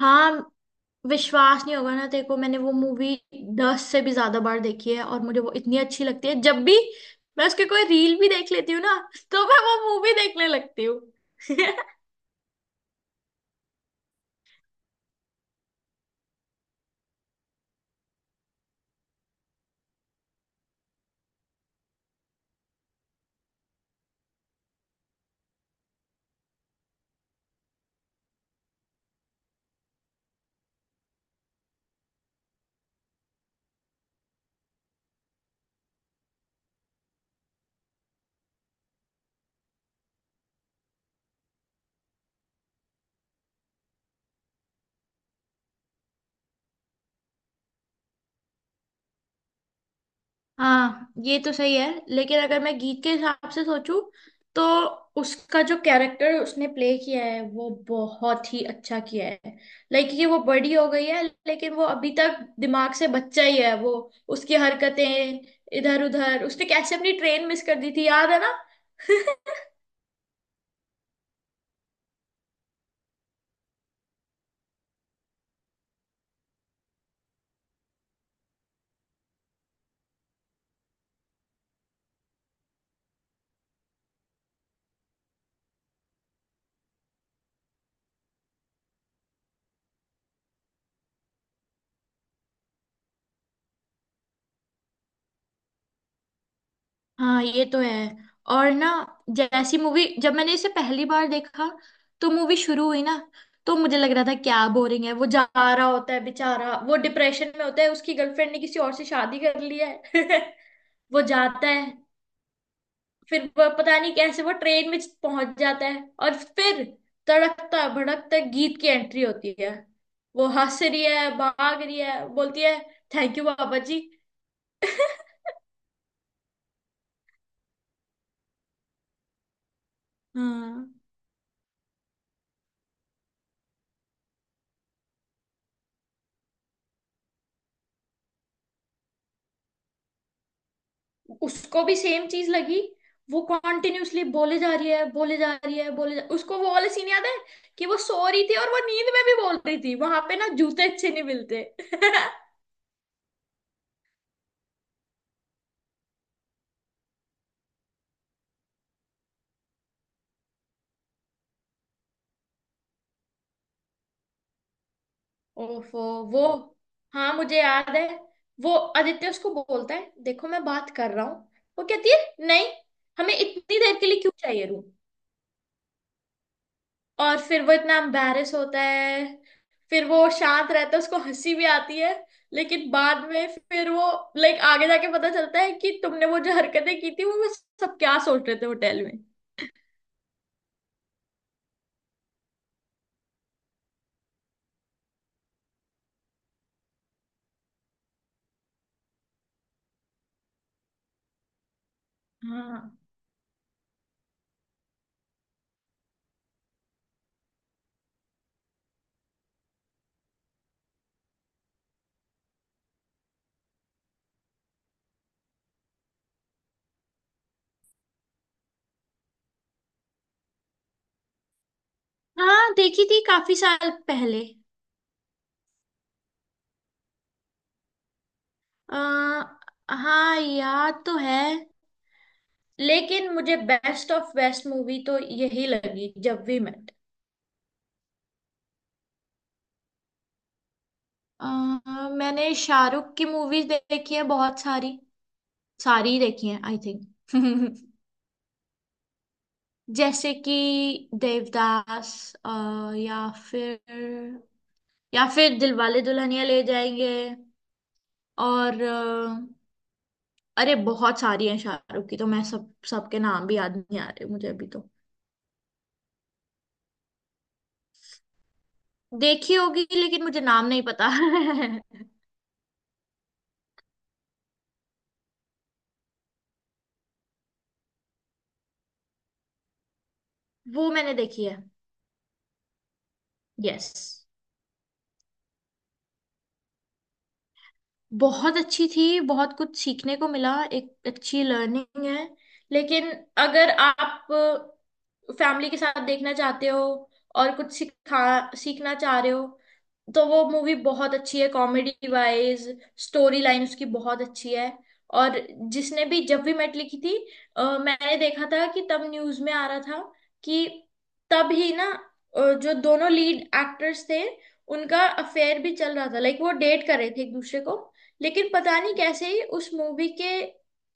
हाँ। विश्वास नहीं होगा ना तेरे को, मैंने वो मूवी 10 से भी ज्यादा बार देखी है और मुझे वो इतनी अच्छी लगती है, जब भी मैं उसके कोई रील भी देख लेती हूँ ना तो मैं वो मूवी देखने लगती हूँ। हाँ, ये तो सही है लेकिन अगर मैं गीत के हिसाब से सोचूं तो उसका जो कैरेक्टर उसने प्ले किया है वो बहुत ही अच्छा किया है। लाइक ये वो बड़ी हो गई है लेकिन वो अभी तक दिमाग से बच्चा ही है वो। उसकी हरकतें इधर उधर, उसने कैसे अपनी ट्रेन मिस कर दी थी, याद है ना? हाँ, ये तो है। और ना, जैसी मूवी, जब मैंने इसे पहली बार देखा तो मूवी शुरू हुई ना, तो मुझे लग रहा था क्या बोरिंग है। वो जा रहा होता है बेचारा, वो डिप्रेशन में होता है, उसकी गर्लफ्रेंड ने किसी और से शादी कर ली है। वो जाता है, फिर वो पता नहीं कैसे वो ट्रेन में पहुंच जाता है और फिर तड़कता भड़कता गीत की एंट्री होती है। वो हंस रही है, भाग रही है, बोलती है थैंक यू बाबा जी। हाँ, उसको भी सेम चीज लगी। वो कॉन्टिन्यूसली बोले जा रही है, बोले जा रही है, उसको वो वाला सीन याद है कि वो सो रही थी और वो नींद में भी बोल रही थी, वहां पे ना जूते अच्छे नहीं मिलते। ओफो, वो हाँ, मुझे याद है। वो आदित्य उसको बोलता है देखो मैं बात कर रहा हूँ। वो कहती है नहीं, हमें इतनी देर के लिए क्यों चाहिए रूम। और फिर वो इतना एम्बैरेस होता है। फिर वो शांत रहता है, उसको हंसी भी आती है। लेकिन बाद में फिर वो, लाइक आगे जाके पता चलता है कि तुमने वो जो हरकतें की थी, वो सब क्या सोच रहे थे होटल में। हाँ, हाँ, देखी थी काफी साल पहले। आ, हाँ, याद तो है, लेकिन मुझे बेस्ट ऑफ बेस्ट मूवी तो यही लगी, जब वी मेट। अ, मैंने शाहरुख की मूवीज देखी है बहुत सारी। सारी ही देखी है आई थिंक। जैसे कि देवदास, या फिर, या फिर दिलवाले दुल्हनिया ले जाएंगे। और अरे, बहुत सारी हैं शाहरुख की, तो मैं सब सबके नाम भी याद नहीं आ रहे मुझे अभी तो। देखी होगी, लेकिन मुझे नाम नहीं पता। वो मैंने देखी है। यस। बहुत अच्छी थी, बहुत कुछ सीखने को मिला, एक अच्छी लर्निंग है। लेकिन अगर आप फैमिली के साथ देखना चाहते हो और कुछ सिखा सीखना चाह रहे हो, तो वो मूवी बहुत अच्छी है कॉमेडी वाइज। स्टोरी लाइन उसकी बहुत अच्छी है। और जिसने भी, जब भी मैट लिखी थी, मैंने देखा था कि तब न्यूज में आ रहा था कि तब ही ना, जो दोनों लीड एक्टर्स थे, उनका अफेयर भी चल रहा था, लाइक वो डेट कर रहे थे एक दूसरे को। लेकिन पता नहीं कैसे ही उस मूवी के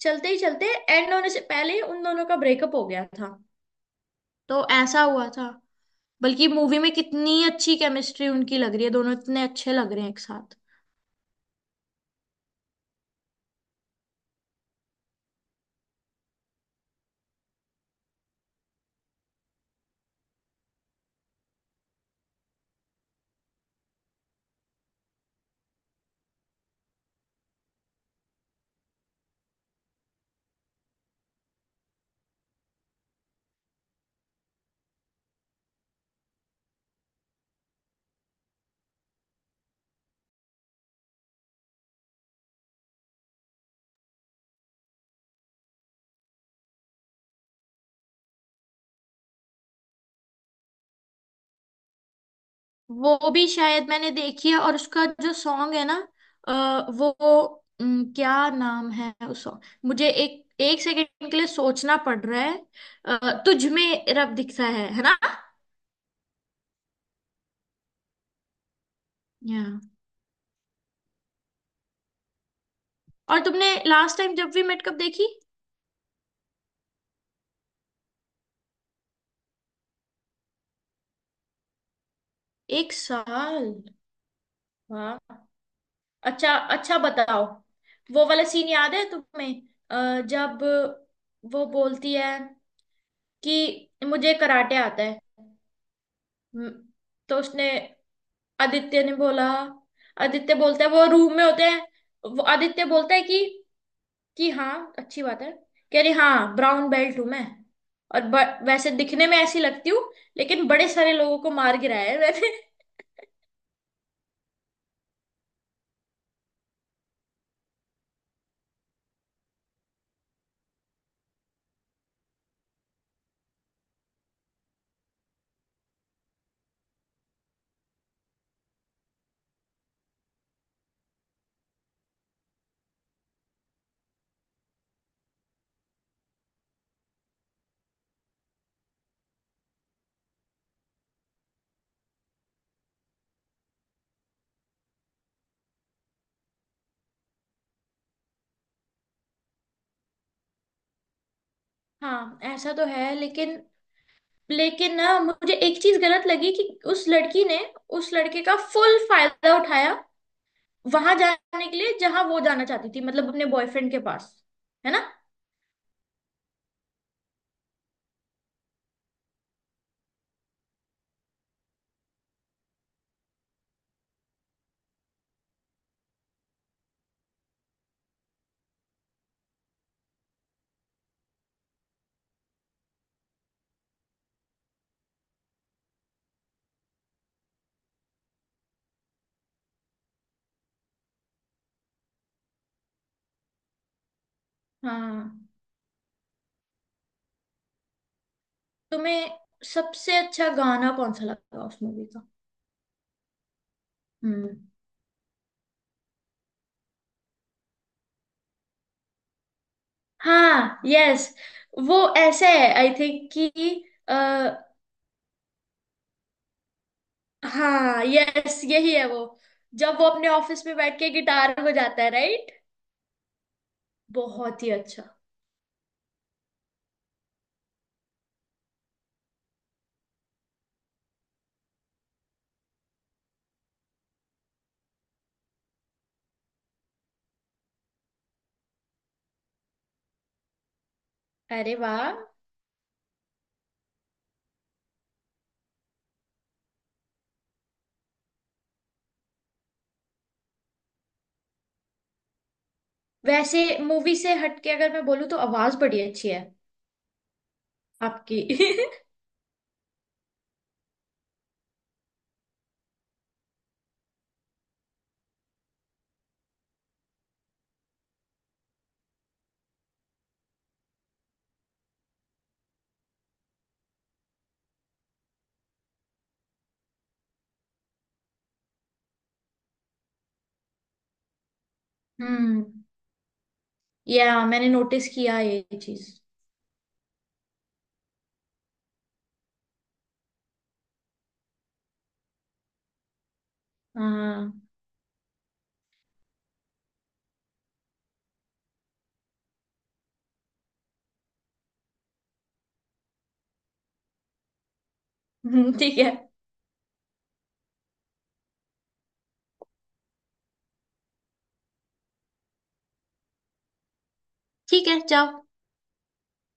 चलते ही चलते, एंड होने से पहले ही उन दोनों का ब्रेकअप हो गया था। तो ऐसा हुआ था। बल्कि मूवी में कितनी अच्छी केमिस्ट्री उनकी लग रही है, दोनों इतने अच्छे लग रहे हैं एक साथ। वो भी शायद मैंने देखी है, और उसका जो सॉन्ग है ना, वो क्या नाम है उस सॉन्ग, मुझे एक एक सेकंड के लिए सोचना पड़ रहा है। तुझ में रब दिखता है ना? या? और तुमने लास्ट टाइम जब वी मेट कब देखी? एक साल। वाह। अच्छा, अच्छा, बताओ। वो वाला सीन याद है तुम्हें? जब वो बोलती है कि मुझे कराटे आता है हम्म, तो उसने, आदित्य ने बोला। आदित्य बोलता है, वो रूम में होते हैं। वो आदित्य बोलता है कि हाँ, अच्छी बात है। कह रही हाँ, ब्राउन बेल्ट हूं मैं। और वैसे दिखने में ऐसी लगती हूँ, लेकिन बड़े सारे लोगों को मार गिराया है मैंने। हाँ, ऐसा तो है, लेकिन लेकिन ना मुझे एक चीज गलत लगी कि उस लड़की ने उस लड़के का फुल फायदा उठाया, वहां जाने के लिए जहां वो जाना चाहती थी, मतलब अपने बॉयफ्रेंड के पास। है ना? हाँ। तुम्हें सबसे अच्छा गाना कौन सा लगा उस मूवी का? हम्म। हाँ, यस। वो ऐसे है आई थिंक कि आ, हाँ, यस, यही है वो। जब वो अपने ऑफिस में बैठ के गिटार बजाता है, राइट। बहुत ही अच्छा। अरे वाह। वैसे मूवी से हटके अगर मैं बोलूँ तो आवाज बड़ी अच्छी है आपकी। हम्म। या मैंने नोटिस किया ये चीज। हाँ। ठीक है। ठीक है, जाओ।